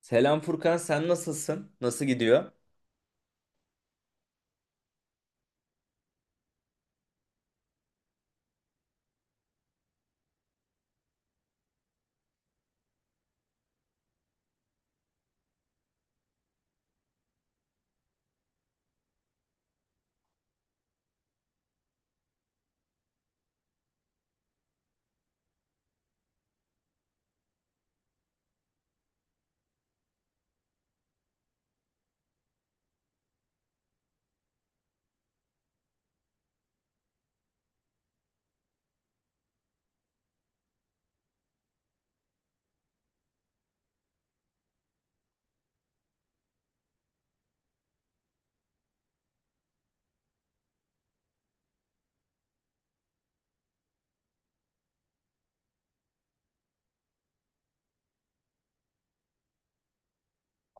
Selam Furkan, sen nasılsın? Nasıl gidiyor?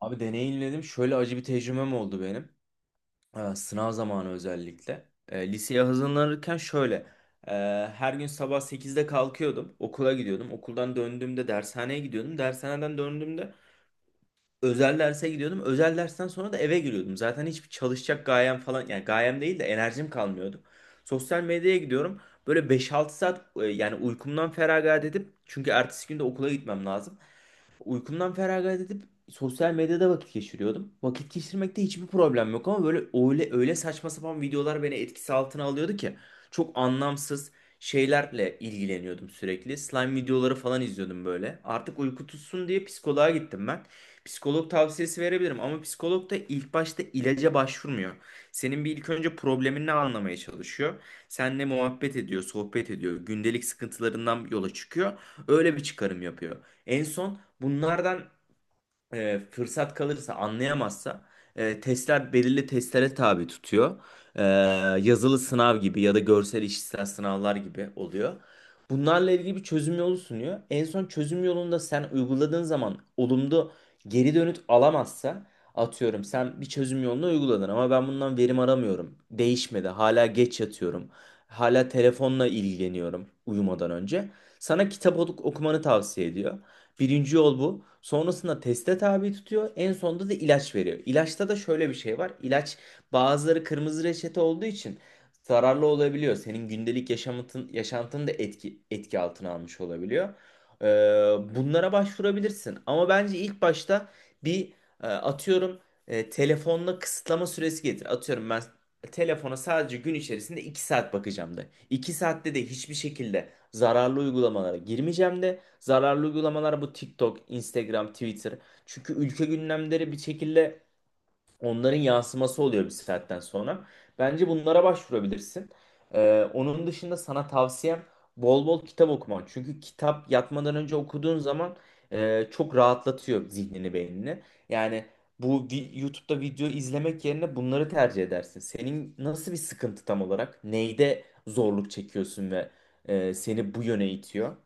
Abi deneyimledim. Şöyle acı bir tecrübem oldu benim. Sınav zamanı özellikle. Liseye hazırlanırken şöyle. e, her gün sabah 8'de kalkıyordum. Okula gidiyordum. Okuldan döndüğümde dershaneye gidiyordum. Dershaneden döndüğümde özel derse gidiyordum. Özel dersten sonra da eve giriyordum. Zaten hiçbir çalışacak gayem falan, yani gayem değil de enerjim kalmıyordu. Sosyal medyaya gidiyorum. Böyle 5-6 saat, yani uykumdan feragat edip, çünkü ertesi günde okula gitmem lazım. Uykumdan feragat edip sosyal medyada vakit geçiriyordum. Vakit geçirmekte hiçbir problem yok ama böyle öyle öyle saçma sapan videolar beni etkisi altına alıyordu ki çok anlamsız şeylerle ilgileniyordum sürekli. Slime videoları falan izliyordum böyle. Artık uyku tutsun diye psikoloğa gittim ben. Psikolog tavsiyesi verebilirim ama psikolog da ilk başta ilaca başvurmuyor. Senin bir ilk önce problemini anlamaya çalışıyor. Seninle muhabbet ediyor, sohbet ediyor, gündelik sıkıntılarından yola çıkıyor. Öyle bir çıkarım yapıyor. En son bunlardan, fırsat kalırsa, anlayamazsa, belirli testlere tabi tutuyor. E, yazılı sınav gibi ya da görsel işitsel sınavlar gibi oluyor. Bunlarla ilgili bir çözüm yolu sunuyor. En son çözüm yolunda sen uyguladığın zaman olumlu geri dönüt alamazsa, atıyorum, sen bir çözüm yolunu uyguladın ama ben bundan verim aramıyorum. Değişmedi. Hala geç yatıyorum. Hala telefonla ilgileniyorum uyumadan önce. Sana kitap okumanı tavsiye ediyor. Birinci yol bu. Sonrasında teste tabi tutuyor. En sonunda da ilaç veriyor. İlaçta da şöyle bir şey var. İlaç, bazıları kırmızı reçete olduğu için zararlı olabiliyor. Senin gündelik yaşamın, yaşantını da etki altına almış olabiliyor. Ee, bunlara başvurabilirsin. Ama bence ilk başta bir, atıyorum, telefonla kısıtlama süresi getir. Atıyorum, ben telefona sadece gün içerisinde 2 saat bakacağım de. 2 saatte de hiçbir şekilde zararlı uygulamalara girmeyeceğim de. Zararlı uygulamalar bu TikTok, Instagram, Twitter. Çünkü ülke gündemleri bir şekilde onların yansıması oluyor bir saatten sonra. Bence bunlara başvurabilirsin. Onun dışında sana tavsiyem bol bol kitap okuman. Çünkü kitap yatmadan önce okuduğun zaman çok rahatlatıyor zihnini, beynini. Yani bu YouTube'da video izlemek yerine bunları tercih edersin. Senin nasıl bir sıkıntı tam olarak? Neyde zorluk çekiyorsun ve seni bu yöne itiyor?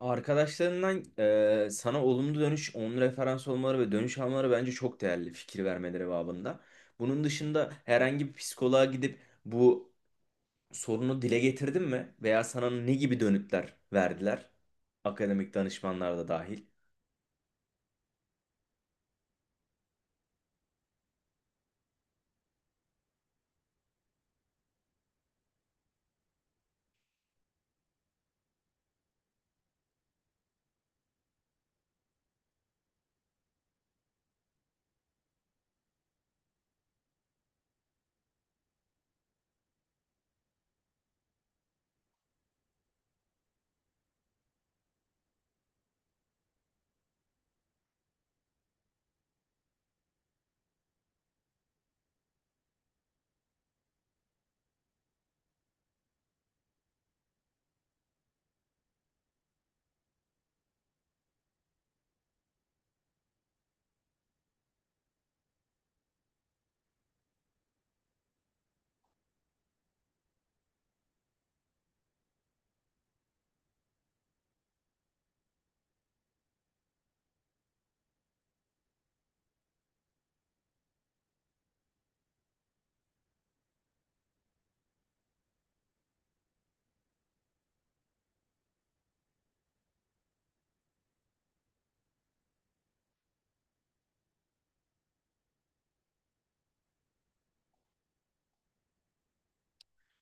Arkadaşlarından, sana olumlu dönüş, onun referans olmaları ve dönüş almaları bence çok değerli, fikir vermeleri babında. Bunun dışında herhangi bir psikoloğa gidip bu sorunu dile getirdin mi? Veya sana ne gibi dönütler verdiler? Akademik danışmanlar da dahil.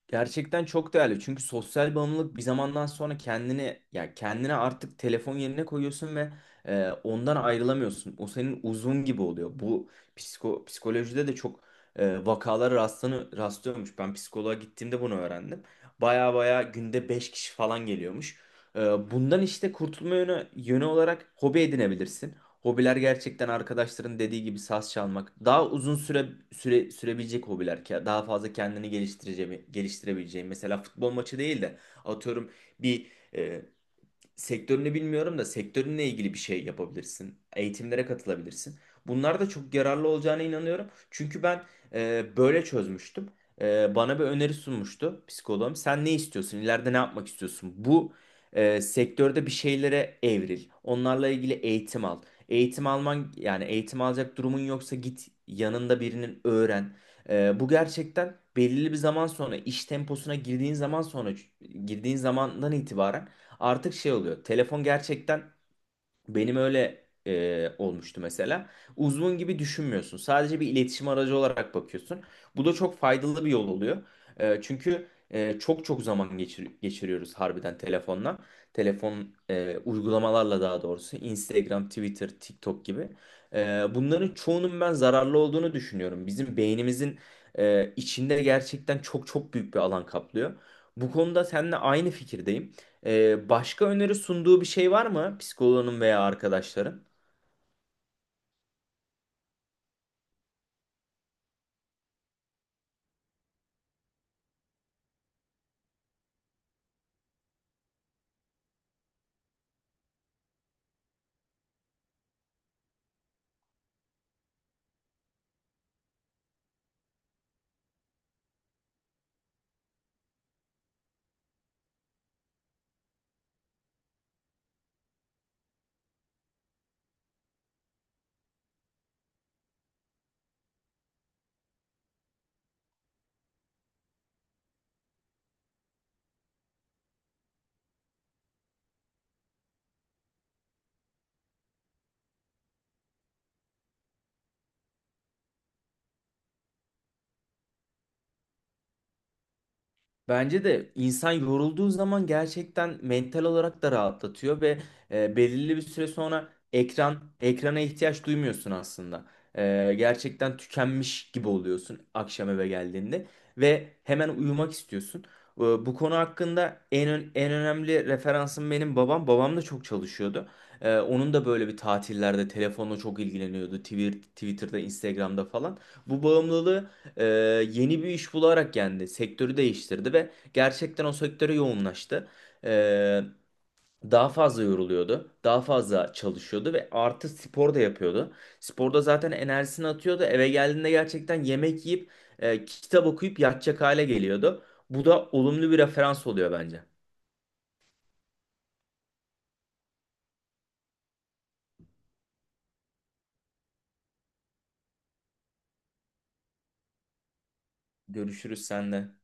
Gerçekten çok değerli. Çünkü sosyal bağımlılık bir zamandan sonra kendini, ya kendine artık telefon yerine koyuyorsun ve ondan ayrılamıyorsun. O senin uzun gibi oluyor. Bu psikolojide de çok vakalara rastlıyormuş. Ben psikoloğa gittiğimde bunu öğrendim. Baya baya günde 5 kişi falan geliyormuş. E, bundan işte kurtulma yönü olarak hobi edinebilirsin. Hobiler gerçekten arkadaşların dediği gibi saz çalmak. Daha uzun süre sürebilecek hobiler ki daha fazla kendini geliştireceğim, geliştirebileceğim. Mesela futbol maçı değil de atıyorum, bir, e, sektörünü bilmiyorum da sektörünle ilgili bir şey yapabilirsin. Eğitimlere katılabilirsin. Bunlar da çok yararlı olacağına inanıyorum. Çünkü ben böyle çözmüştüm. Bana bir öneri sunmuştu psikoloğum. Sen ne istiyorsun? İleride ne yapmak istiyorsun? Bu sektörde bir şeylere evril. Onlarla ilgili eğitim al. Eğitim alman, yani eğitim alacak durumun yoksa git yanında birinin öğren. Bu gerçekten belirli bir zaman sonra iş temposuna girdiğin zamandan itibaren artık şey oluyor. Telefon gerçekten benim öyle olmuştu mesela. Uzun gibi düşünmüyorsun. Sadece bir iletişim aracı olarak bakıyorsun. Bu da çok faydalı bir yol oluyor. Çünkü çok çok zaman geçiriyoruz harbiden telefonla. Telefon uygulamalarla daha doğrusu. Instagram, Twitter, TikTok gibi. Bunların çoğunun ben zararlı olduğunu düşünüyorum. Bizim beynimizin içinde gerçekten çok çok büyük bir alan kaplıyor. Bu konuda seninle aynı fikirdeyim. Başka öneri sunduğu bir şey var mı psikoloğunun veya arkadaşların? Bence de insan yorulduğu zaman gerçekten mental olarak da rahatlatıyor ve belirli bir süre sonra ekran ekrana ihtiyaç duymuyorsun aslında. Gerçekten tükenmiş gibi oluyorsun akşam eve geldiğinde ve hemen uyumak istiyorsun. Bu konu hakkında en önemli referansım benim babam. Babam da çok çalışıyordu. Onun da böyle bir tatillerde telefonla çok ilgileniyordu. Twitter'da, Instagram'da falan. Bu bağımlılığı e, yeni bir iş bularak kendi sektörü değiştirdi ve gerçekten o sektöre yoğunlaştı. E, daha fazla yoruluyordu, daha fazla çalışıyordu ve artı spor da yapıyordu. Sporda zaten enerjisini atıyordu. Eve geldiğinde gerçekten yemek yiyip kitap okuyup yatacak hale geliyordu. Bu da olumlu bir referans oluyor bence. Görüşürüz senle.